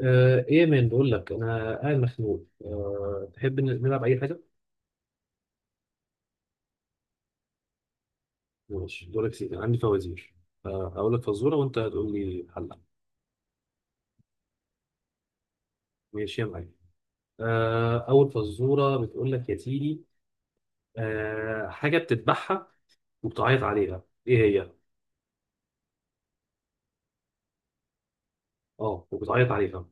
ايه يا مان بقول لك انا قاعد مخنوق. تحب نلعب اي حاجه؟ ماشي دورك سيدي، أنا عندي فوازير. اقول لك فزوره وانت هتقول لي حلها. ماشي يا معلم. اول فزوره بتقول لك يا سيدي، حاجه بتذبحها وبتعيط عليها، ايه هي؟ اه وبتعيط عليها.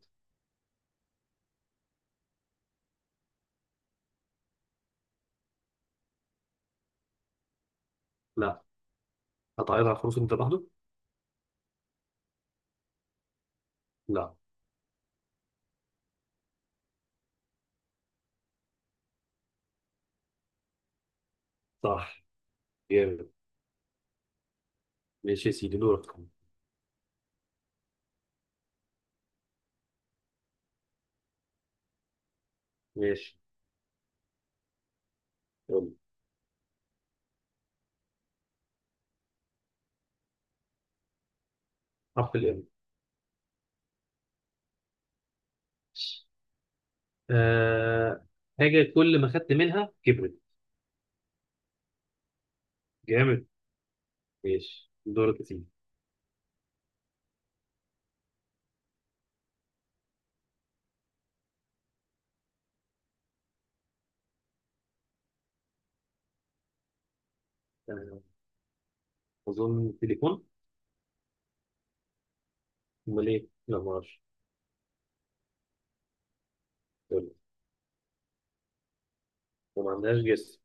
لا، هتعيط على الخروف اللي انت لوحده؟ لا. صح، جامد. ماشي يا سيدي دورك. ماشي، يلا. حرف الام. أه حاجه كل ما خدت منها كبرت. جامد. ماشي دورك يا سيدي. آه، أظن تليفون. أمال إيه؟ لا معرفش. يلا، وما عندهاش جس.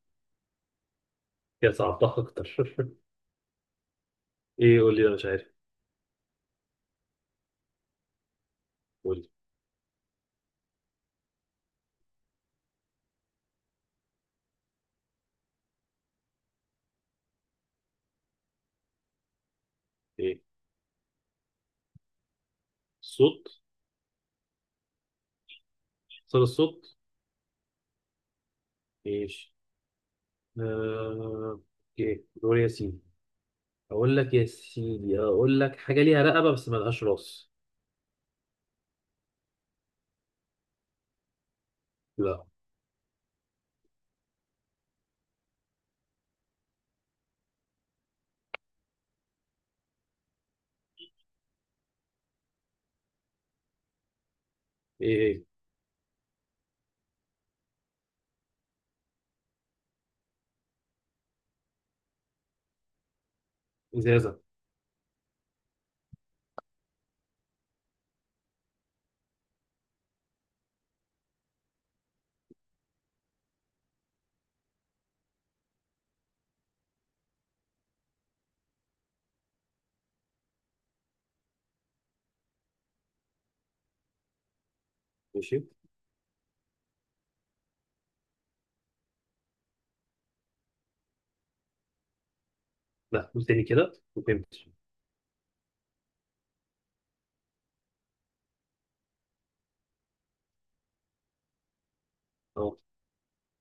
هي صعبتها أكتر إيه؟ قول لي أنا مش عارف. قول لي إيه؟ صوت. صار الصوت. ماشي. آه... إيه دور ياسين. أقول لك يا سيدي، أقول لك حاجة ليها رقبة بس ملهاش راس. لا. إيه إيه؟ إزازة. ماشي. لا، قول تاني كده ما فهمتش. أه.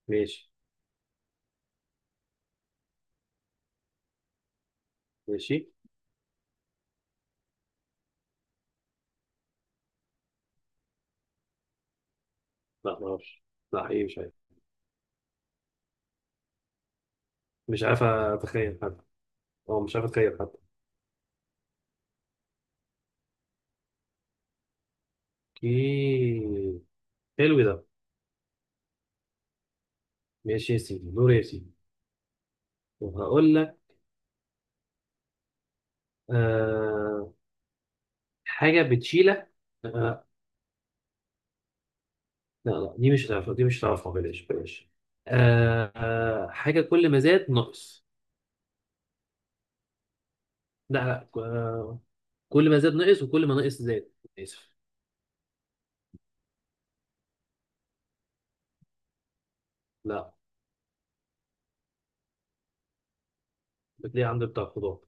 ماشي. ماشي. لا معرفش. لا إيه، مش عارف. مش عارف أتخيل حتى. أه، مش عارف أتخيل حتى. اوكي، حلو ده. ماشي يا سيدي دور يا سيدي. وهقول لك، آه، حاجة بتشيلها. آه لا لا، دي مش هتعرفها، دي مش هتعرفها، بلاش بلاش. آه حاجة كل ما زاد نقص. لا لا آه، كل ما زاد نقص وكل ما نقص زاد. آسف. لا. بتلاقي عند بتاع الخضار،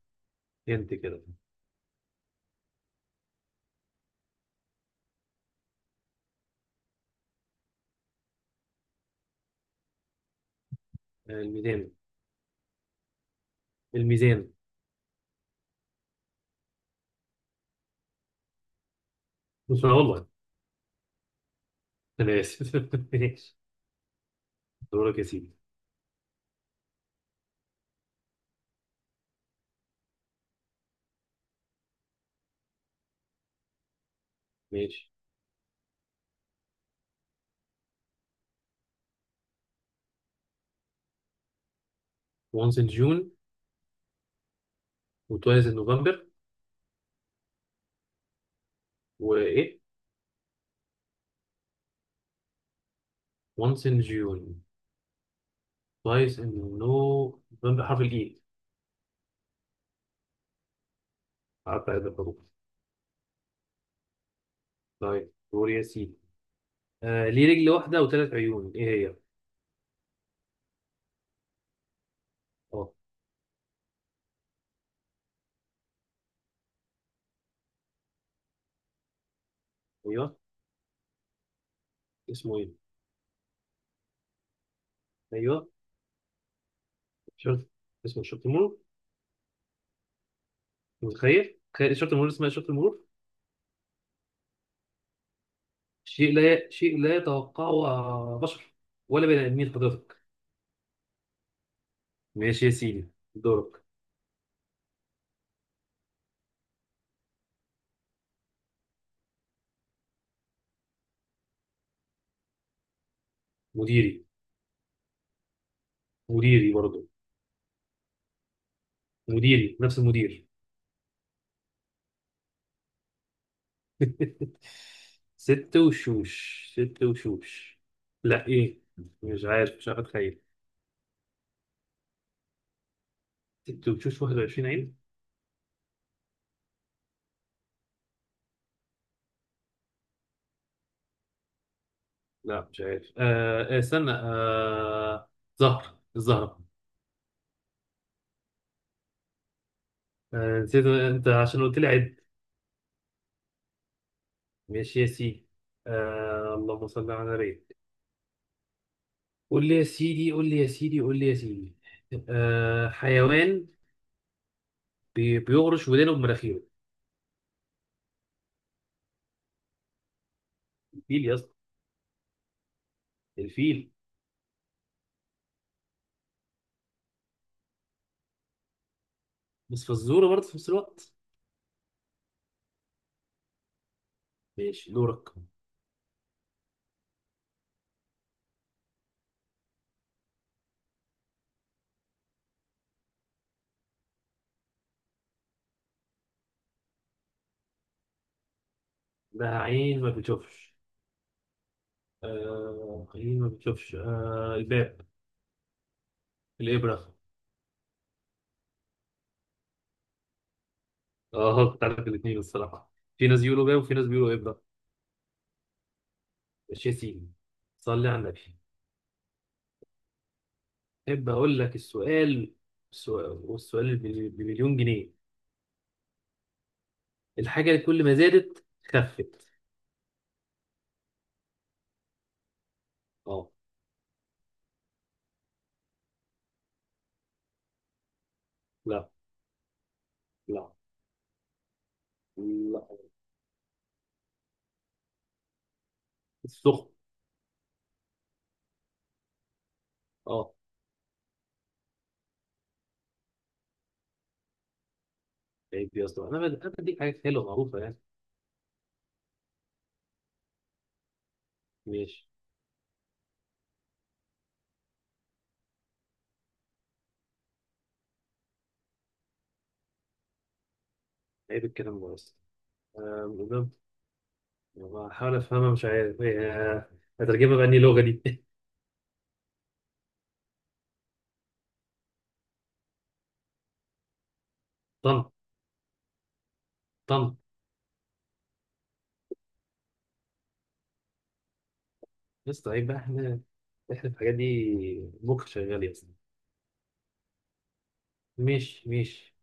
انت كده. آه الميزان. الميزان. بس أنا والله، أنا آسف ماشي دورك يا سيدي. ماشي. once in June، و twice in November. وإيه؟ once in June. كويس انه بيبان بحرف الاي. قعدت اعد الحروف. طيب دور يا سيدي. آه ليه رجل واحده وثلاث عيون؟ ايه هي؟ اه. ايوه. اسمه ايه؟ ايوه. شرط. اسمه شرط المرور. متخيل؟ تخيل شرط المرور، اسمها شرط المرور. شيء لا شيء لا يتوقعه بشر ولا بني ادمين حضرتك. ماشي يا سيدي دورك. مديري. مديري برضه. مديري، نفس المدير. ست وشوش. ست وشوش. لا ايه، مش عارف، مش عارف اتخيل. ست وشوش 21 عين. لا مش عارف. استنى آه، زهر الزهرة. آه نسيت، انت عشان قلت لي عد. ماشي يا سيدي. آه اللهم صل على النبي. قول لي يا سيدي، قول لي يا سيدي، قول لي يا سيدي. آه حيوان، بي بيغرش ودانه بمناخيره. الفيل يا اسطى. الفيل. بس فزوره برضه في نفس الوقت. ماشي دورك. ده عين ما بتشوفش؟ آه عين ما بتشوفش، آه الباب. الإبرة. اه كنت عارف الاثنين الصراحة. في ناس بيقولوا باب وفي ناس بيقولوا إبرة. ماشي يا سيدي. صلي على النبي. احب اقول لك السؤال، السؤال والسؤال بمليون جنيه. الحاجه اللي كل ما زادت خفت. اه. لا. لا. لا. السخن. اه. عيب يا اسطى، انا انا بديك حاجات حلوه معروفه يعني. ماشي. عيب الكلام ده بس. بحاول افهمها مش عارف هترجمها بأني لغه دي طن. طن. يا اسطى عيب بقى، احنا احنا في الحاجات دي مخ شغال يا اسطى. مش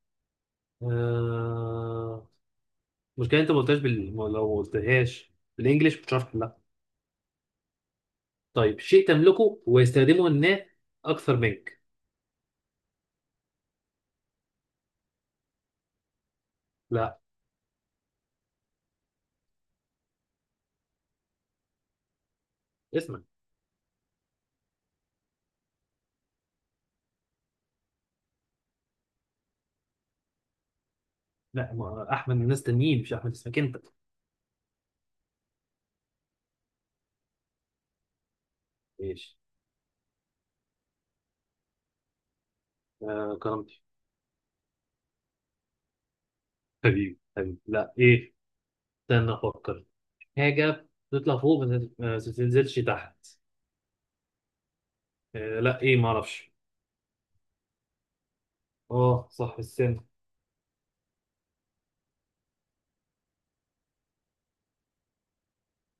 آه... المشكلة انت ما قلتهاش بال... ما- لو ما قلتهاش بالانجلش مش هتعرف تحلها. طيب شيء تملكه ويستخدمه الناس اكثر منك. لا. اسمك. لا، ما احمد من ناس تانيين، مش احمد، اسمك انت. ماشي. آه كرامتي. حبيبي حبيبي لا ايه. استنى افكر. حاجة تطلع فوق ما تنزلش تحت. آه لا ايه ما اعرفش. اه صح السن.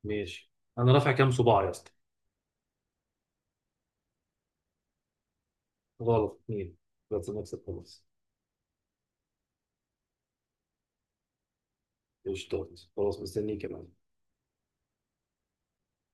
ماشي. انا رافع كام صباع يا اسطى؟ غلط، اتنين. بس نكسب خلاص. قشطات. خلاص مستنيك يا معلم.